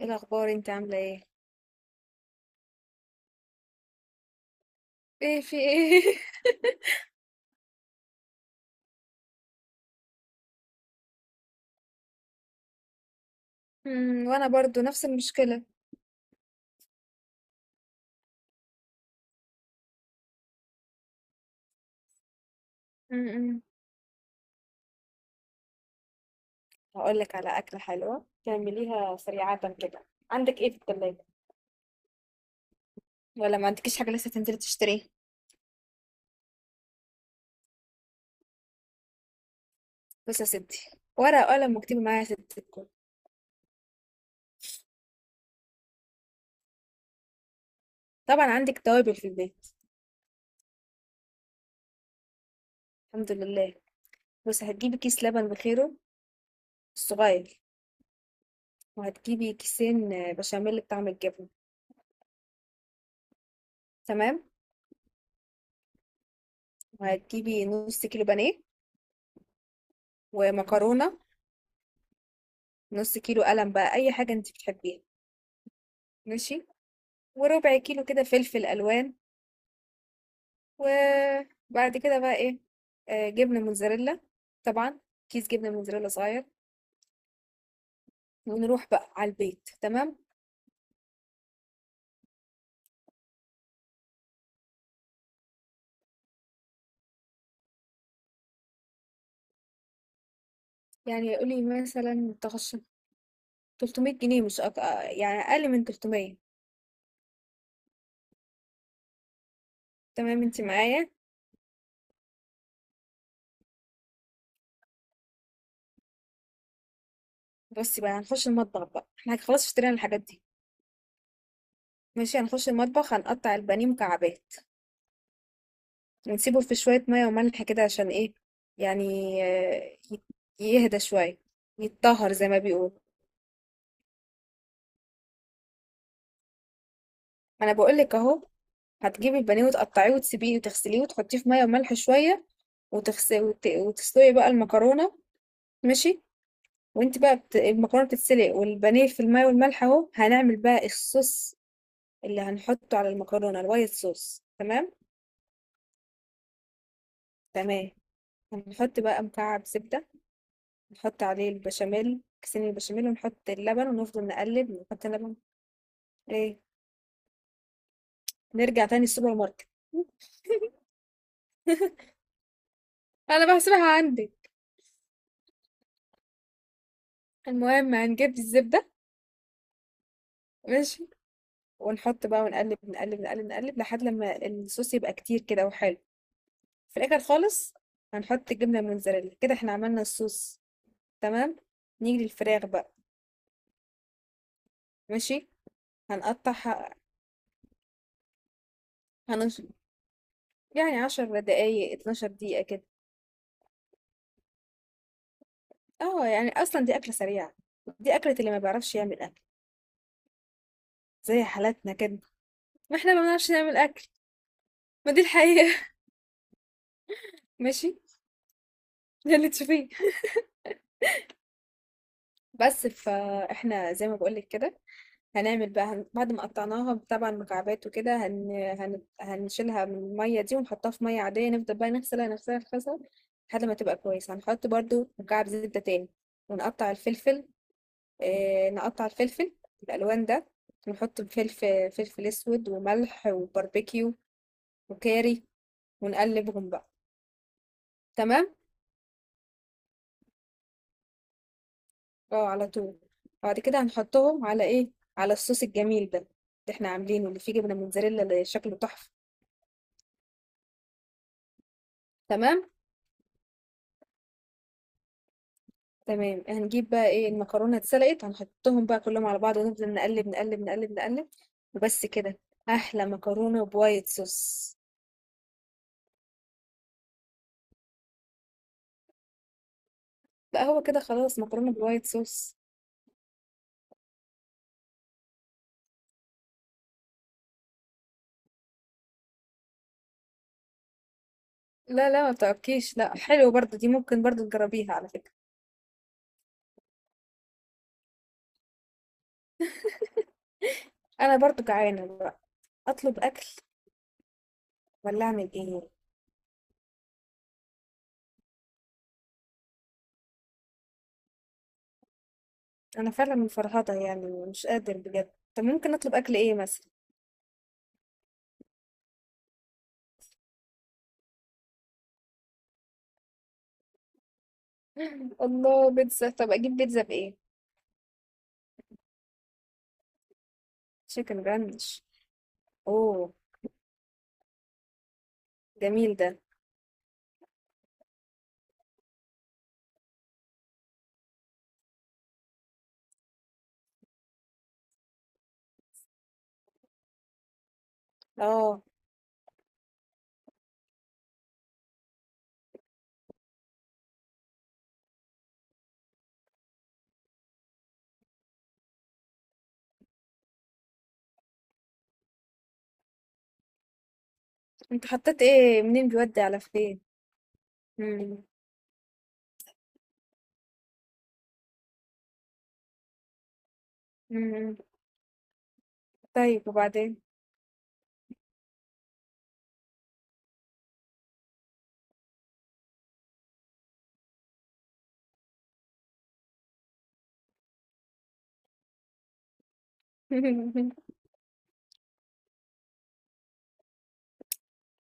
ايه الاخبار؟ انت عامله ايه؟ ايه في ايه؟ وانا برضو نفس المشكله. امم هقول لك على اكله حلوه تعمليها سريعه كده. عندك ايه في الثلاجه؟ ولا ما عندكيش حاجه لسه تنزلي تشتريها؟ بصي يا ستي، ورقه وقلم واكتبي معايا يا ستي الكل. طبعا عندك توابل في البيت. الحمد لله. بس هتجيبي كيس لبن بخيره الصغير. وهتجيبي كيسين بشاميل بطعم الجبنه، تمام. وهتجيبي نص كيلو بانيه ومكرونه. نص كيلو قلم بقى، اي حاجه انت بتحبيها، ماشي. وربع كيلو كده فلفل الوان. وبعد كده بقى ايه؟ جبنه موتزاريلا طبعا. كيس جبنه موتزاريلا صغير. ونروح بقى على البيت، تمام. يعني قولي مثلا تخش 300 جنيه، مش أك... آه، يعني اقل من 300. تمام انت معايا. بصي بقى، هنخش المطبخ بقى احنا خلاص اشترينا الحاجات دي. ماشي، هنخش المطبخ هنقطع البانيه مكعبات. ونسيبه في شويه ميه وملح كده عشان ايه؟ يعني آه، يت- يهدى شويه، يتطهر زي ما بيقولوا. انا بقول لك اهو، هتجيبي البانيه وتقطعيه وتسيبيه وتغسليه وتحطيه في ميه وملح شويه. وتسلقي بقى المكرونه. ماشي. وانت بقى المكرونه بتتسلق والبانيه في الميه والملح، اهو هنعمل بقى الصوص اللي هنحطه على المكرونه الوايت صوص، تمام. تمام، هنحط بقى مكعب زبده. نحط عليه البشاميل كيسين البشاميل ونحط اللبن ونفضل نقلب ونحط اللبن. ايه، نرجع تاني السوبر ماركت؟ انا بحسبها عندي. المهم هنجيب الزبده. ماشي. ونحط بقى ونقلب نقلب نقلب نقلب لحد لما الصوص يبقى كتير كده وحلو. في الاخر خالص هنحط الجبنه الموتزاريلا كده، احنا عملنا الصوص، تمام. نيجي للفراخ بقى. ماشي. هنقطع ح- هنش... يعني 10 دقايق 12 دقيقة كده. اه يعني اصلا دي اكلة سريعة. دي اكلة اللي ما بيعرفش يعمل اكل، زي حالاتنا كده، ما احنا ما بنعرفش نعمل اكل، ما دي الحقيقة. ماشي. ده اللي تشوفيه. بس فاحنا زي ما بقولك كده، هنعمل بقى بعد ما قطعناها طبعا مكعبات وكده هنشيلها من المية دي ونحطها في مية عادية نفضل بقى نغسلها نغسلها نغسلها لحد ما تبقى كويسة. هنحط برضو مكعب زبدة تاني ونقطع الفلفل. نقطع الفلفل الألوان ده، ونحط فلفل، فلفل أسود وملح وباربيكيو وكاري، ونقلبهم بقى، تمام. اه، على طول. بعد كده هنحطهم على ايه؟ على الصوص الجميل ده اللي احنا عاملينه اللي فيه جبنة موتزاريلا اللي شكله تحفة، تمام. تمام، هنجيب بقى ايه، المكرونه اتسلقت، هنحطهم بقى كلهم على بعض ونفضل نقلب نقلب نقلب نقلب. وبس كده، احلى مكرونه بوايت صوص. لا، هو كده خلاص، مكرونه بوايت صوص. لا لا ما بتعبكيش، لا حلو برضو دي، ممكن برضو تجربيها على فكره. انا برضو جعانه بقى، اطلب اكل ولا اعمل ايه؟ انا فعلا مفرهده يعني مش قادر بجد. طب ممكن اطلب اكل ايه مثلا؟ الله، بيتزا. طب اجيب بيتزا بايه؟ تشيكن رانش. اوه، جميل ده. اه، انت حطيت ايه منين بيودي على فين؟ مم. مم. طيب وبعدين؟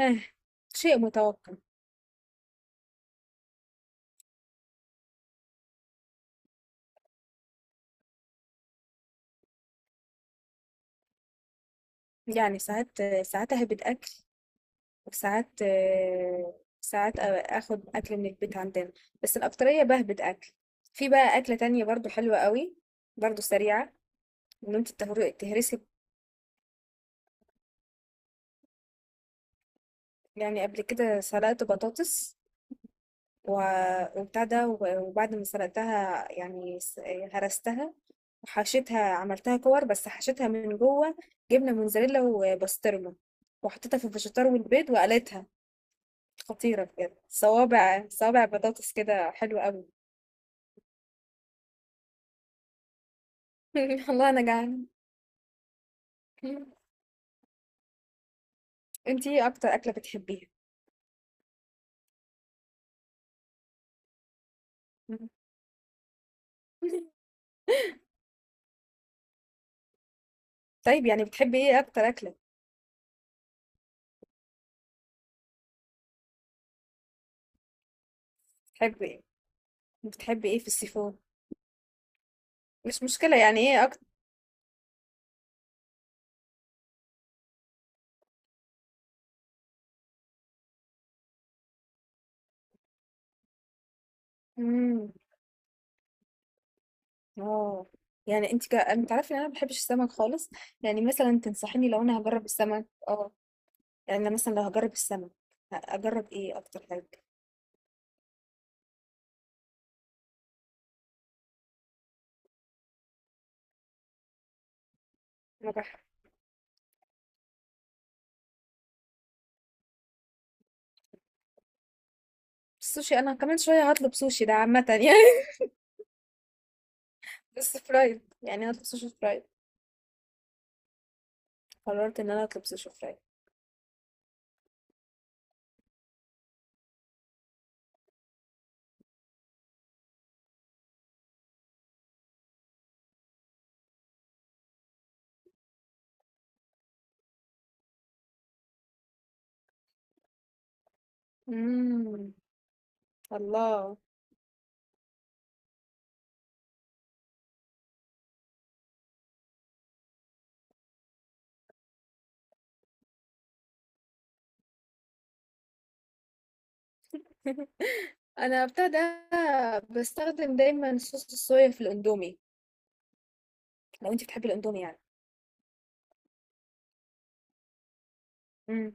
آه، شيء متوقع. يعني ساعات ساعات اهبط اكل، وساعات ساعات أ- اخد اكل من البيت عندنا. بس الاكتريه بهبط اكل. في بقى اكله تانية برضو حلوه قوي، برضو سريعه. ان انت تهرسي. يعني قبل كده سلقت بطاطس وبتاع ده وبعد ما سلقتها يعني هرستها وحشيتها، عملتها كور بس حشيتها من جوه جبنة موزاريلا وبسطرمة، وحطيتها في الفيجيتار والبيض وقلتها. خطيرة بجد، صوابع صوابع بطاطس كده حلوة قوي. والله أنا جعانة. انتي ايه أكتر أكلة بتحبيها؟ طيب يعني بتحبي ايه أكتر أكلة؟ بتحبي ايه؟ بتحبي ايه في السيفون؟ مش مشكلة، يعني ايه أكتر؟ مم. اه، يعني انت عارفه ان انا ما بحبش السمك خالص. يعني مثلا تنصحيني لو انا هجرب السمك؟ اه يعني انا مثلا لو هجرب السمك اجرب ايه اكتر حاجه؟ انا بحب السوشي، انا كمان شويه هطلب سوشي ده عامه يعني. بس فرايد، يعني هطلب سوشي فرايد. قررت ان انا اطلب سوشي فرايد. امم الله. انا ابتدى بستخدم دايما صوص الصويا في الاندومي، لو انت بتحبي الاندومي يعني. امم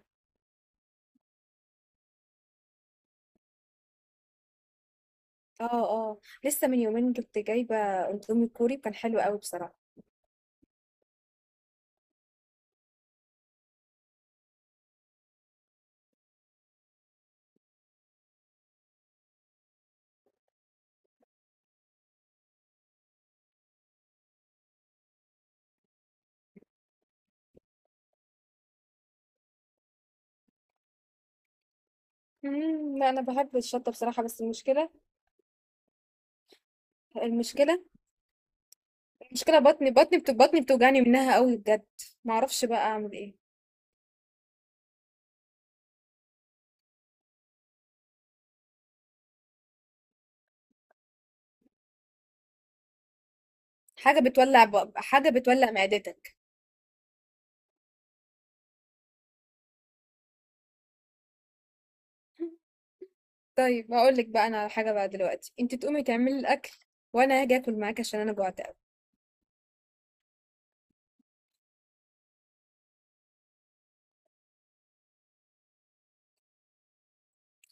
اه. اه، لسه من يومين كنت جايبه اندومي كوري كان حلو قوي بصراحه. لأ أنا باحب الشطة بصراحة. بس المشكلة المشكلة بطني بتوجعني منها أوي بجد، ما أعرفش بقى أعمل إيه. حاجة بتولع معدتك. طيب هاقول لك بقى أنا على حاجة بقى دلوقتي، أنتِ تقومي تعملي الأكل وأنا هاجي آكل معاكِ عشان أنا جوعت أوي.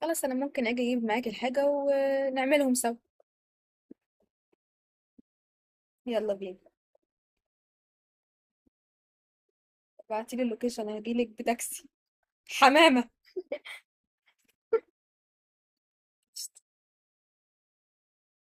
خلاص، أنا ممكن آجي أجيب معاكِ الحاجة ونعملهم سوا. يلا بينا. ابعتيلي اللوكيشن هجيلك بتاكسي، حمامة.